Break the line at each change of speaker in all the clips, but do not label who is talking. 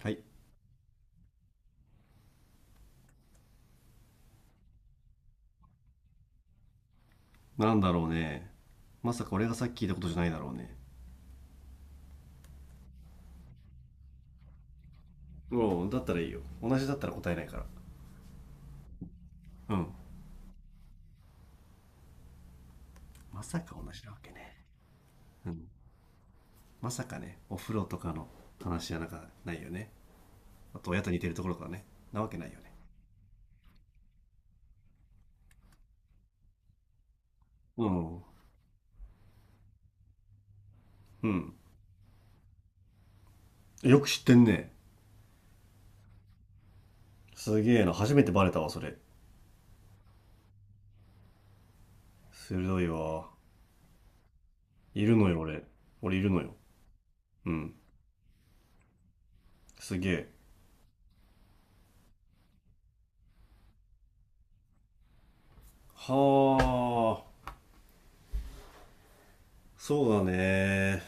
はい。なんだろうね。まさか俺がさっき聞いたことじゃないだろうね。おう、だったらいいよ、同じだったら答えないから。うん。まさか同じなわけね。うん。まさかね、お風呂とかの話じゃなんかないよね。あと親と似てるところからね。なわけないよね。うん。うん。よく知ってんね。すげえな、初めてバレたわそれ。鋭いわ。いるのよ俺いるのよ。うん。すげえ。はあ。そうだね。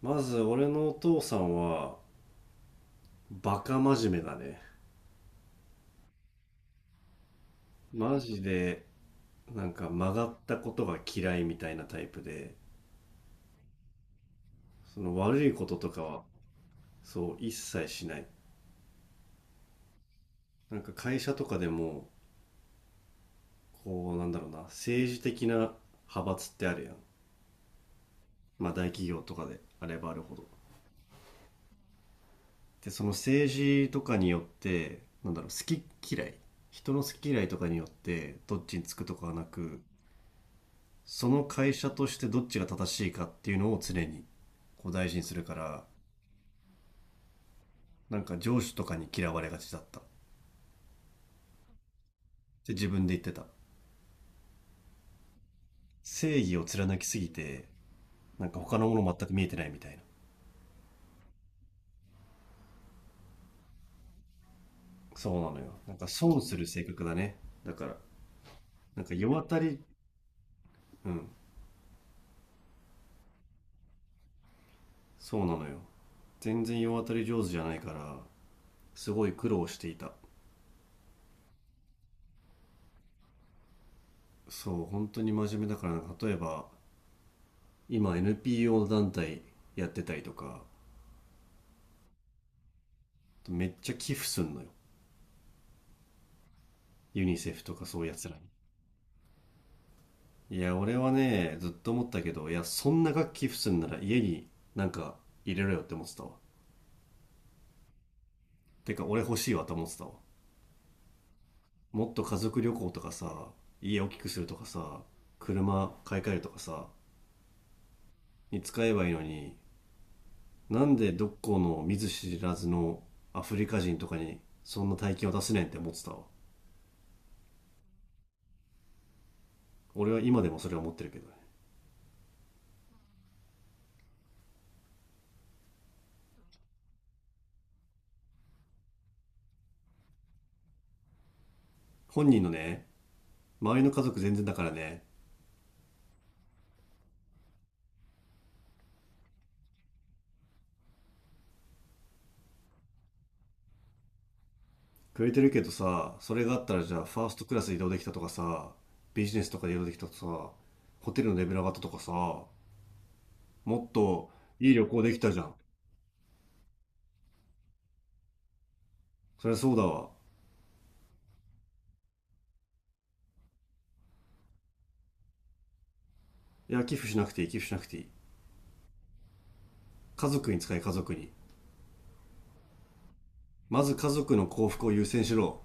まず俺のお父さんはバカ真面目だね。マジで、なんか曲がったことが嫌いみたいなタイプで、その悪いこととかは、そう、一切しない。なんか会社とかでも、こう、なんだろうな、政治的な派閥ってあるやん。まあ大企業とかであればあるほど。で、その政治とかによって、なんだろう、好き嫌い。人の好き嫌いとかによって、どっちにつくとかはなく、その会社としてどっちが正しいかっていうのを常に、こう大事にするから、なんか上司とかに嫌われがちだったって自分で言ってた。正義を貫きすぎて、なんか他のもの全く見えてないみたいな。そうなのよ。なんか損する性格だね。だから、なんか世当たり、うん、そうなのよ。全然世当たり上手じゃないから、すごい苦労していた。そう、本当に真面目だからな、例えば、今 NPO 団体やってたりとか、めっちゃ寄付すんのよ。ユニセフとかそういうやつらに。いや、俺はね、ずっと思ったけど、いや、そんな楽器普通なら家になんか入れろよって思ってたわ。てか、俺欲しいわと思ってたわ。もっと家族旅行とかさ、家大きくするとかさ、車買い替えるとかさ、に使えばいいのに、なんでどっこの見ず知らずのアフリカ人とかにそんな大金を出せねんって思ってたわ。俺は今でもそれは思ってるけどね。本人のね、周りの家族全然だからね、くれてるけどさ、それがあったらじゃあファーストクラス移動できたとかさ、ビジネスとかで移動できたとかさ、ホテルのレベル上がったとかさ、もっといい旅行できたじゃん。そりゃそうだわ。いや、寄付しなくていい、寄付しなくていい。家族に使え、家族に。まず家族の幸福を優先しろ。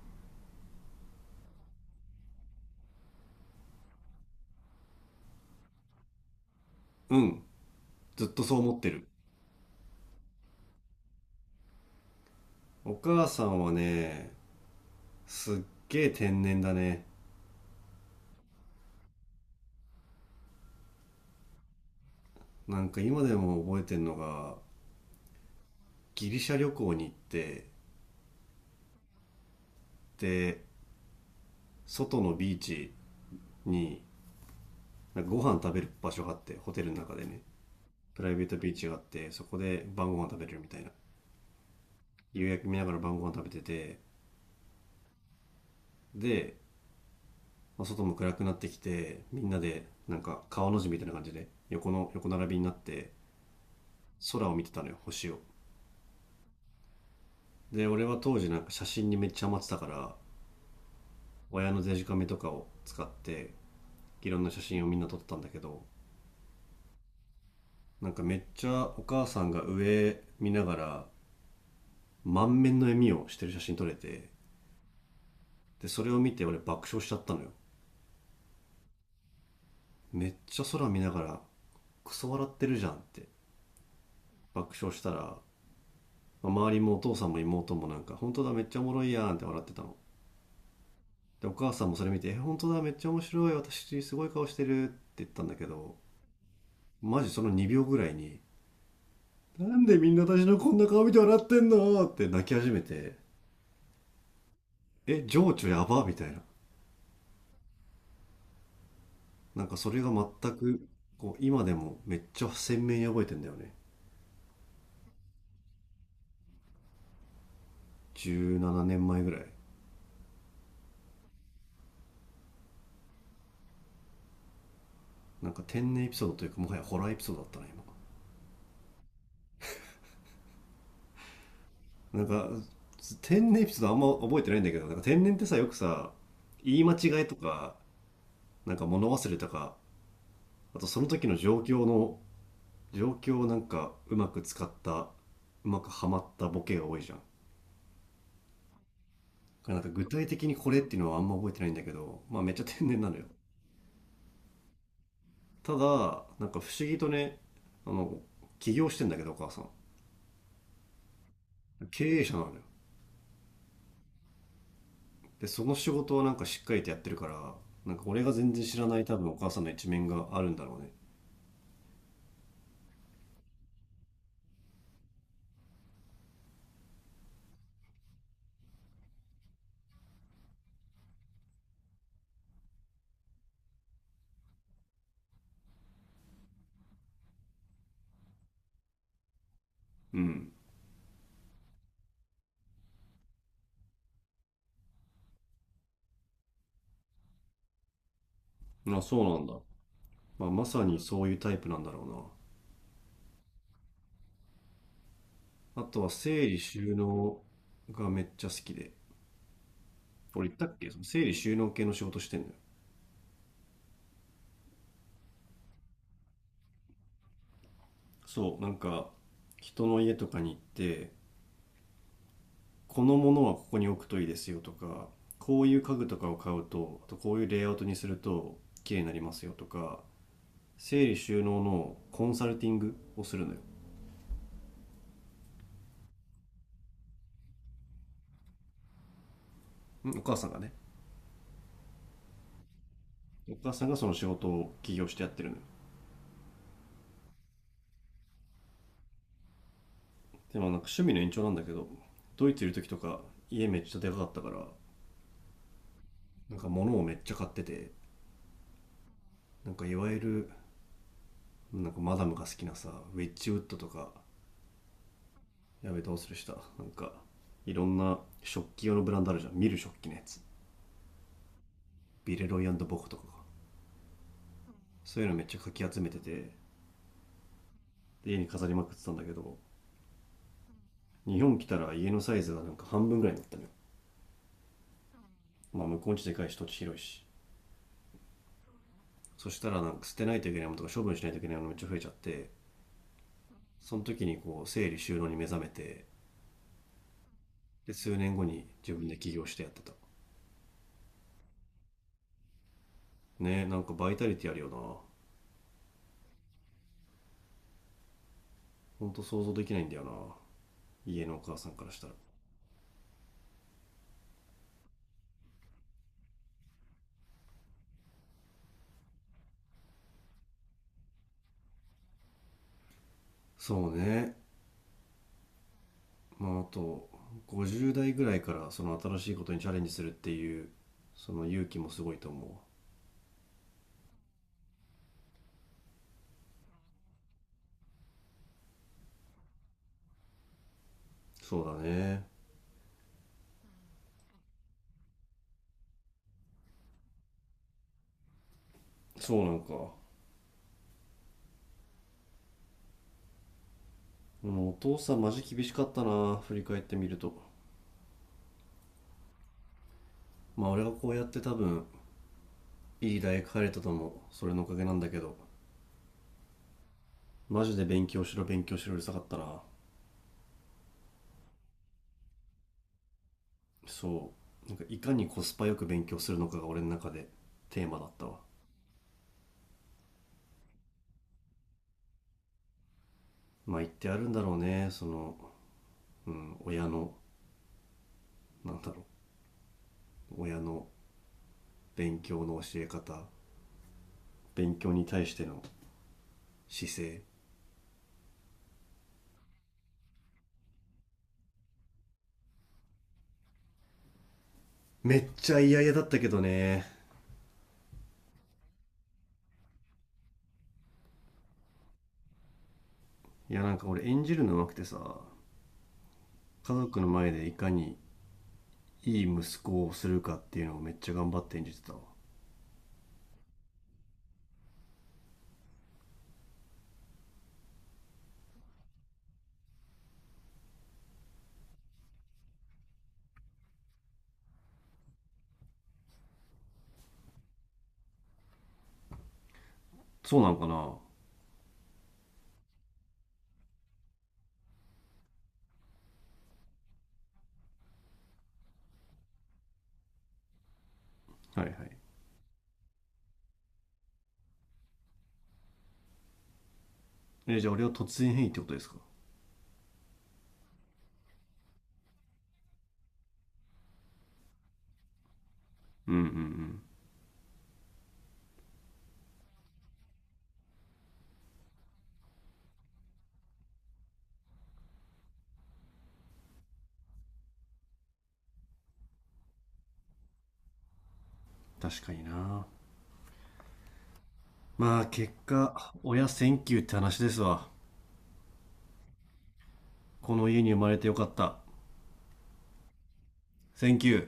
うん、ずっとそう思ってる。お母さんはね、すっげえ天然だね。なんか今でも覚えてんのが、ギリシャ旅行に行って、で、外のビーチになんかご飯食べる場所があって、ホテルの中でね、プライベートビーチがあって、そこで晩ご飯食べれるみたいな。夕焼け見ながら晩ご飯食べてて、で、まあ、外も暗くなってきて、みんなで、なんか川の字みたいな感じで、横の、横並びになって、空を見てたのよ、星を。で、俺は当時なんか写真にめっちゃハマってたから、親のデジカメとかを使って、いろんな写真をみんな撮ってたんだけど、なんかめっちゃお母さんが上見ながら、満面の笑みをしてる写真撮れて、でそれを見て俺爆笑しちゃったのよ。めっちゃ空見ながらクソ笑ってるじゃんって爆笑したら、まあ周りもお父さんも妹もなんか本当だめっちゃおもろいやんって笑ってたの。でお母さんもそれ見て「え本当だめっちゃ面白い私すごい顔してる」って言ったんだけど、マジその2秒ぐらいに「なんでみんな私のこんな顔見て笑ってんの？」って泣き始めて、「え情緒やば」みたいな。なんかそれが全くこう今でもめっちゃ鮮明に覚えてんだよね。17年前ぐらい。なんか天然エピソードというかもはやホラーエピソードだったな今。なんか天然エピソードあんま覚えてないんだけど、なんか天然ってさ、よくさ、言い間違いとか、なんか物忘れとか、あとその時の状況の、状況をなんかうまく使った、うまくはまったボケが多いじゃん。だからなんか具体的にこれっていうのはあんま覚えてないんだけど、まあめっちゃ天然なのよ。ただなんか不思議とね、あの、起業してんだけどお母さん、経営者なのよ。でその仕事をなんかしっかりとやってるから、なんか俺が全然知らない多分お母さんの一面があるんだろうね。うん。あそうなんだ、まあ、まさにそういうタイプなんだろうな。あとは整理収納がめっちゃ好きで、俺言ったっけ、その整理収納系の仕事してんのよ。そう、なんか人の家とかに行って、このものはここに置くといいですよとか、こういう家具とかを買うと、あとこういうレイアウトにすると綺麗になりますよとか、整理収納のコンサルティングをするのよ。うん、お母さんがね。お母さんがその仕事を起業してやってるのよ。でもなんか趣味の延長なんだけど、ドイツいる時とか家めっちゃでかかったから、なんか物をめっちゃ買ってて、なんかいわゆる、なんかマダムが好きなさ、ウェッジウッドとか、やべどうするしたなんか、いろんな食器用のブランドあるじゃん、見る食器のやつ、ビレロイボコとかが、そういうのめっちゃかき集めてて、家に飾りまくってたんだけど、日本来たら家のサイズがなんか半分ぐらいになったのよ。まあ向こうちでかいし土地広いし。そしたらなんか捨てないといけないものとか処分しないといけないものめっちゃ増えちゃって、その時にこう整理収納に目覚めて、で数年後に自分で起業してやってた。ね、なんかバイタリティあるよな。ほんと想像できないんだよな、家のお母さんからしたら。そうね。まああと50代ぐらいからその新しいことにチャレンジするっていう、その勇気もすごいと思う。そうだね。そうなんかもう、お父さんマジ厳しかったな振り返ってみると。まあ俺がこうやって多分いい大学入れたともそれのおかげなんだけど、マジで勉強しろ勉強しろうるさかったな。そうなんかいかにコスパよく勉強するのかが俺の中でテーマだったわ。まあ言ってあるんだろうね、その、うん、親の、なんだろう、親の勉強の教え方、勉強に対しての姿勢。めっちゃ嫌々だったけどね。いや、なんか俺演じるの上手くてさ、家族の前でいかにいい息子をするかっていうのをめっちゃ頑張って演じてたわ。そうなんかな。はいはい。え、じゃあ俺は突然変異ってことですか。うんうんうん。確かにな。まあ結果親センキューって話ですわ。この家に生まれてよかった。センキュー。